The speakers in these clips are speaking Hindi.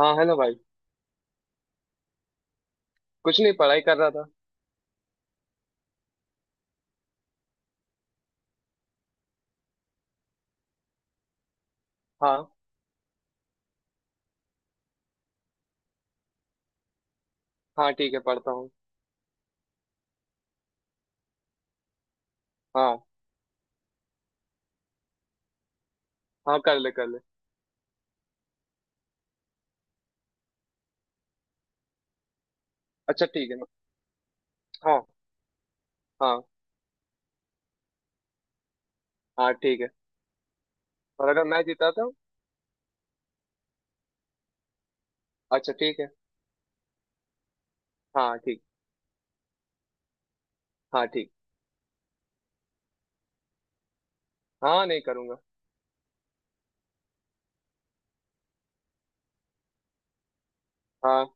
हाँ हेलो भाई। कुछ नहीं पढ़ाई कर रहा था। हाँ हाँ ठीक है पढ़ता हूँ। हाँ। हाँ कर ले कर ले। अच्छा ठीक है। हाँ। हाँ। हाँ ठीक है। और अगर मैं जीता तो। अच्छा ठीक है। हाँ ठीक। हाँ ठीक। हाँ नहीं करूँगा। हाँ।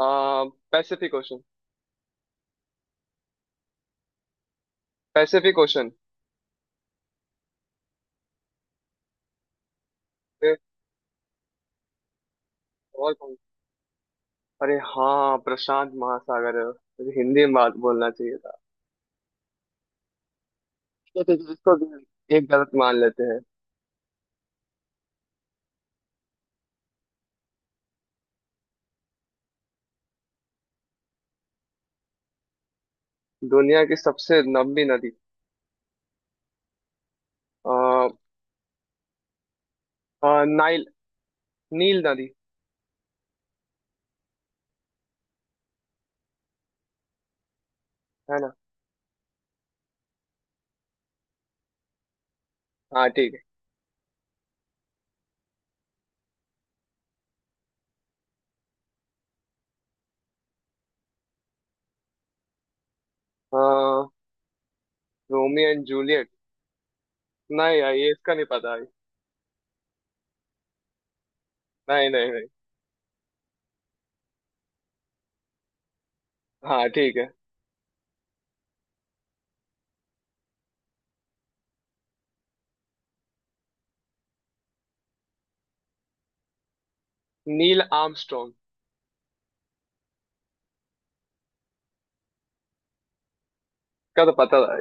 आ, पैसिफिक ओशन। Pacific Ocean. अरे। और कौन। अरे हाँ प्रशांत महासागर है। मुझे हिंदी में बात बोलना चाहिए था। ठीक है, इसको भी एक गलत मान लेते हैं। दुनिया की सबसे लंबी नदी आ, नाइल। नील नदी। है ना। हाँ ठीक। है। Romeo and Juliet. नहीं यार ये इसका नहीं पता है। नहीं नहीं नहीं। हाँ ठीक है। Neil Armstrong. का तो पता था।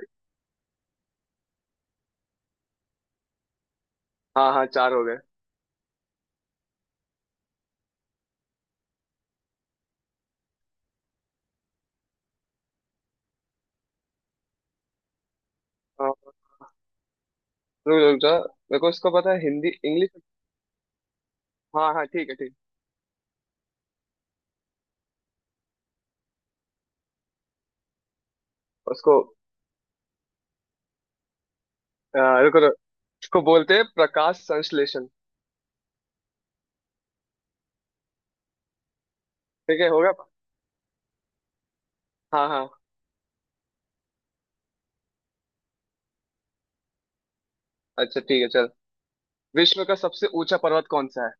हाँ हाँ चार हो गए। हाँ, रुक रुक जा मेरे को उसको पता है हिंदी इंग्लिश। हाँ हाँ ठीक है ठीक है। उसको रुको रुको उसको बोलते हैं प्रकाश संश्लेषण। ठीक है हो गया। हाँ हाँ। अच्छा ठीक है चल। विश्व का सबसे ऊंचा पर्वत कौन सा है।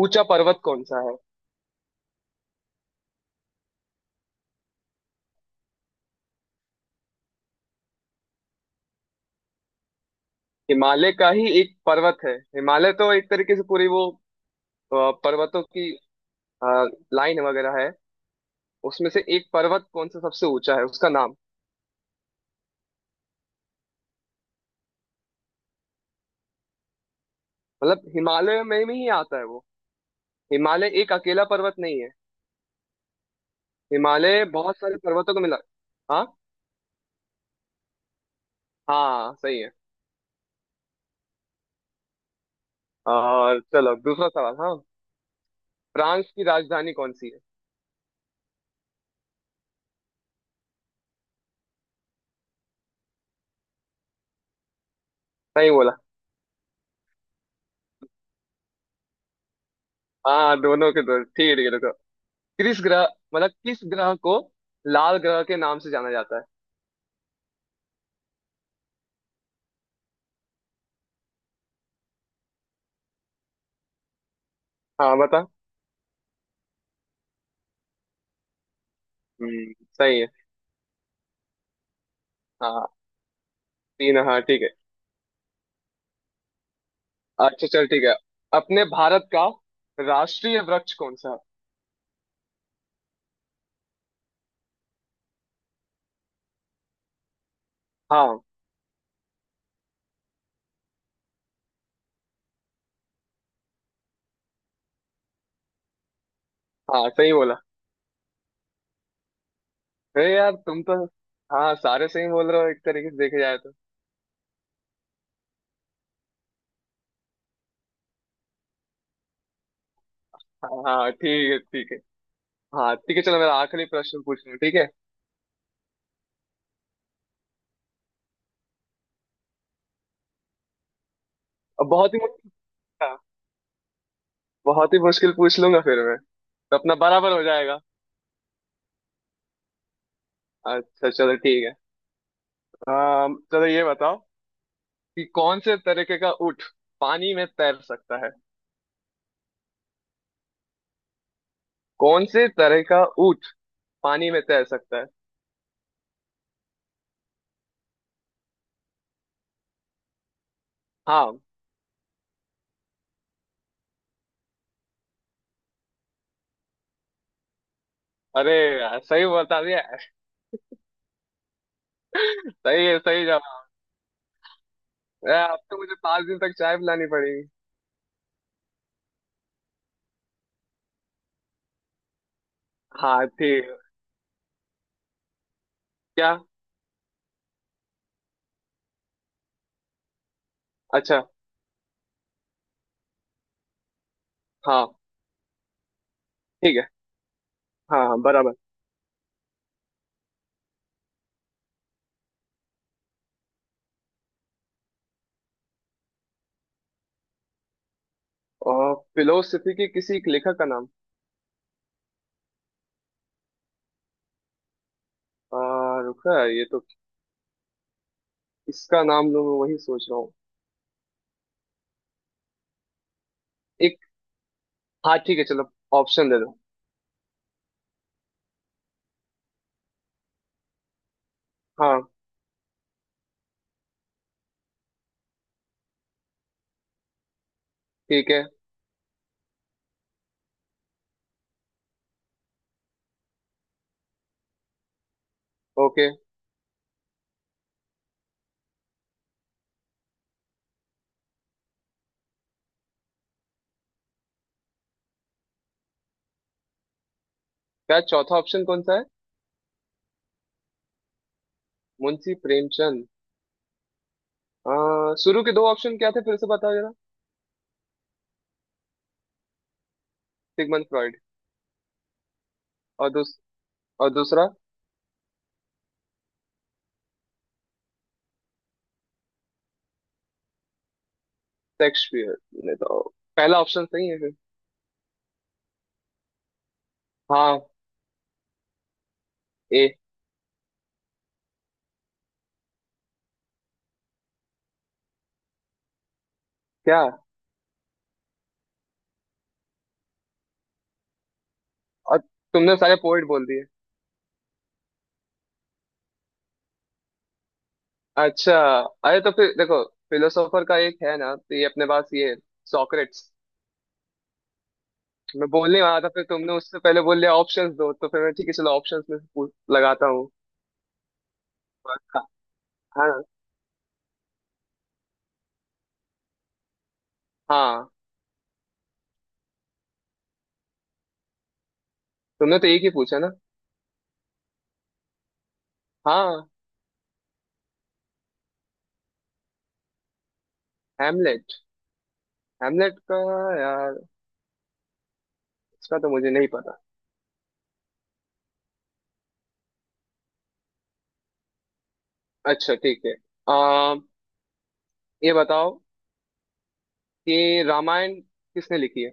ऊंचा पर्वत कौन सा है। हिमालय का ही एक पर्वत है। हिमालय तो एक तरीके से पूरी वो अ, पर्वतों की लाइन वगैरह है। उसमें से एक पर्वत कौन सा सबसे ऊंचा है उसका नाम। मतलब हिमालय में ही आता है वो। हिमालय एक अकेला पर्वत नहीं है। हिमालय बहुत सारे पर्वतों को मिला। हाँ। हाँ सही है। और चलो दूसरा सवाल। हाँ। फ्रांस की राजधानी कौन सी है। सही बोला। हाँ दोनों के दो ठीक है रुको। किस ग्रह मतलब किस ग्रह को लाल ग्रह के नाम से जाना जाता है। हाँ बता। हम्म सही है। हाँ। तीन हाँ ठीक है। अच्छा चल ठीक है। अपने भारत का राष्ट्रीय वृक्ष कौन सा है? हाँ। हाँ सही बोला। अरे यार तुम तो हाँ सारे सही बोल रहे हो एक तरीके से देखे जाए तो। हाँ हाँ ठीक है ठीक है। हाँ ठीक है चलो मेरा आखिरी प्रश्न पूछ लूँ ठीक है। अब बहुत ही मुश्किल था। बहुत ही मुश्किल पूछ लूंगा फिर मैं तो अपना बराबर हो जाएगा। अच्छा चलो ठीक है। चलो ये बताओ कि कौन से तरीके का ऊँट पानी में तैर सकता है। कौन से तरह का ऊँट पानी में तैर सकता है। हाँ। अरे यार सही बता दिया। सही है। सही जवाब। यार, अब तो मुझे 5 दिन तक चाय पिलानी पड़ेगी। हाँ ठीक है। क्या। अच्छा। हाँ ठीक है। हाँ हाँ, बराबर। और फिलोसफी के किसी एक लेखक का नाम। रुका ये तो किसका नाम लूं मैं वही सोच रहा हूँ। एक। हाँ ठीक है चलो ऑप्शन दे दो। हाँ। ठीक है। ओके। क्या चौथा ऑप्शन कौन सा है। मुंशी प्रेमचंद। आ, शुरू के दो ऑप्शन क्या थे फिर से बताओ जरा। Sigmund Freud. और दूस, और दूसरा शेक्सपियर ने तो पहला ऑप्शन सही है फिर। हाँ। ए। क्या। और तुमने सारे पोइट बोल दिए। अच्छा। अरे तो फिर देखो फिलोसोफर का एक है ना तो ये अपने पास ये सॉक्रेट्स। मैं बोलने वाला था फिर तुमने उससे पहले बोल लिया। ऑप्शंस दो तो फिर मैं ठीक है चलो ऑप्शंस में से पूछ लगाता हूँ। हाँ। हाँ, हाँ, तुमने तो एक ही पूछा ना। हाँ। हेमलेट। हेमलेट का यार इसका तो मुझे नहीं पता। अच्छा ठीक है। आ, ये बताओ कि रामायण किसने लिखी है।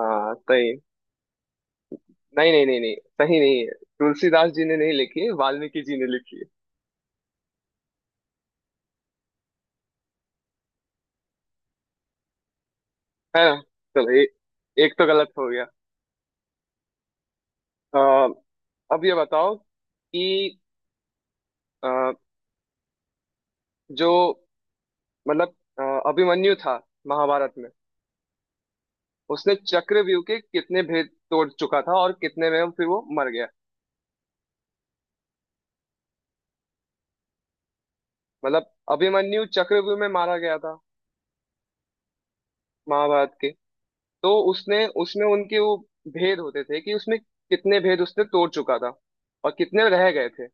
हाँ सही। नहीं नहीं नहीं नहीं सही नहीं है। तुलसीदास जी ने नहीं लिखी है। वाल्मीकि जी ने लिखी है। है ना। चलो एक तो गलत हो गया। आ, अब ये बताओ कि अ, जो मतलब अ, अभिमन्यु था महाभारत में। उसने चक्रव्यूह के कितने भेद तोड़ चुका था और कितने में फिर वो मर गया। मतलब अभिमन्यु चक्रव्यूह में मारा गया था महाभारत के। तो उसने उसमें उनके वो भेद होते थे कि उसमें कितने भेद उसने तोड़ चुका था और कितने रह गए थे।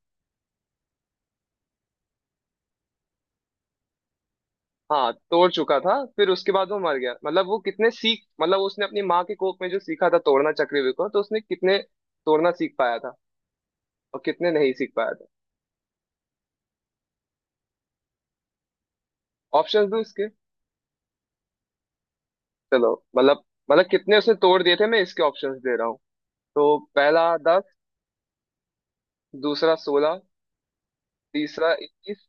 हाँ तोड़ चुका था फिर उसके बाद वो मर गया। मतलब वो कितने सीख मतलब उसने अपनी माँ के कोख में जो सीखा था तोड़ना चक्रव्यूह को तो उसने कितने तोड़ना सीख पाया था और कितने नहीं सीख पाया था। ऑप्शंस दो इसके। चलो मतलब मतलब कितने उसने तोड़ दिए थे मैं इसके ऑप्शंस दे रहा हूँ। तो पहला 10 दूसरा 16 तीसरा 21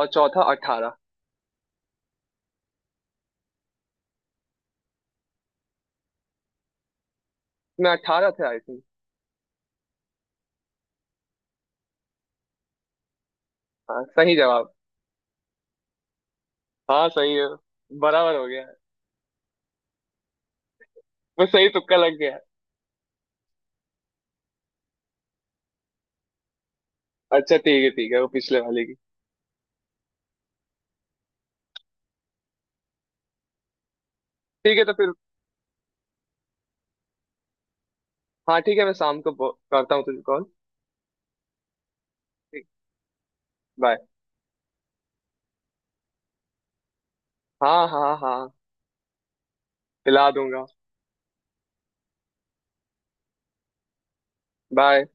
और चौथा 18। इसमें 18 थे आई थिंक। हाँ सही जवाब। हाँ सही है। बराबर हो गया है। वो सही तुक्का लग गया है। अच्छा ठीक है ठीक है। वो पिछले वाले की। ठीक है तो फिर। हाँ ठीक है मैं शाम को करता हूँ तुझे call। बाय। हाँ हाँ हाँ। खिला दूंगा। बाय।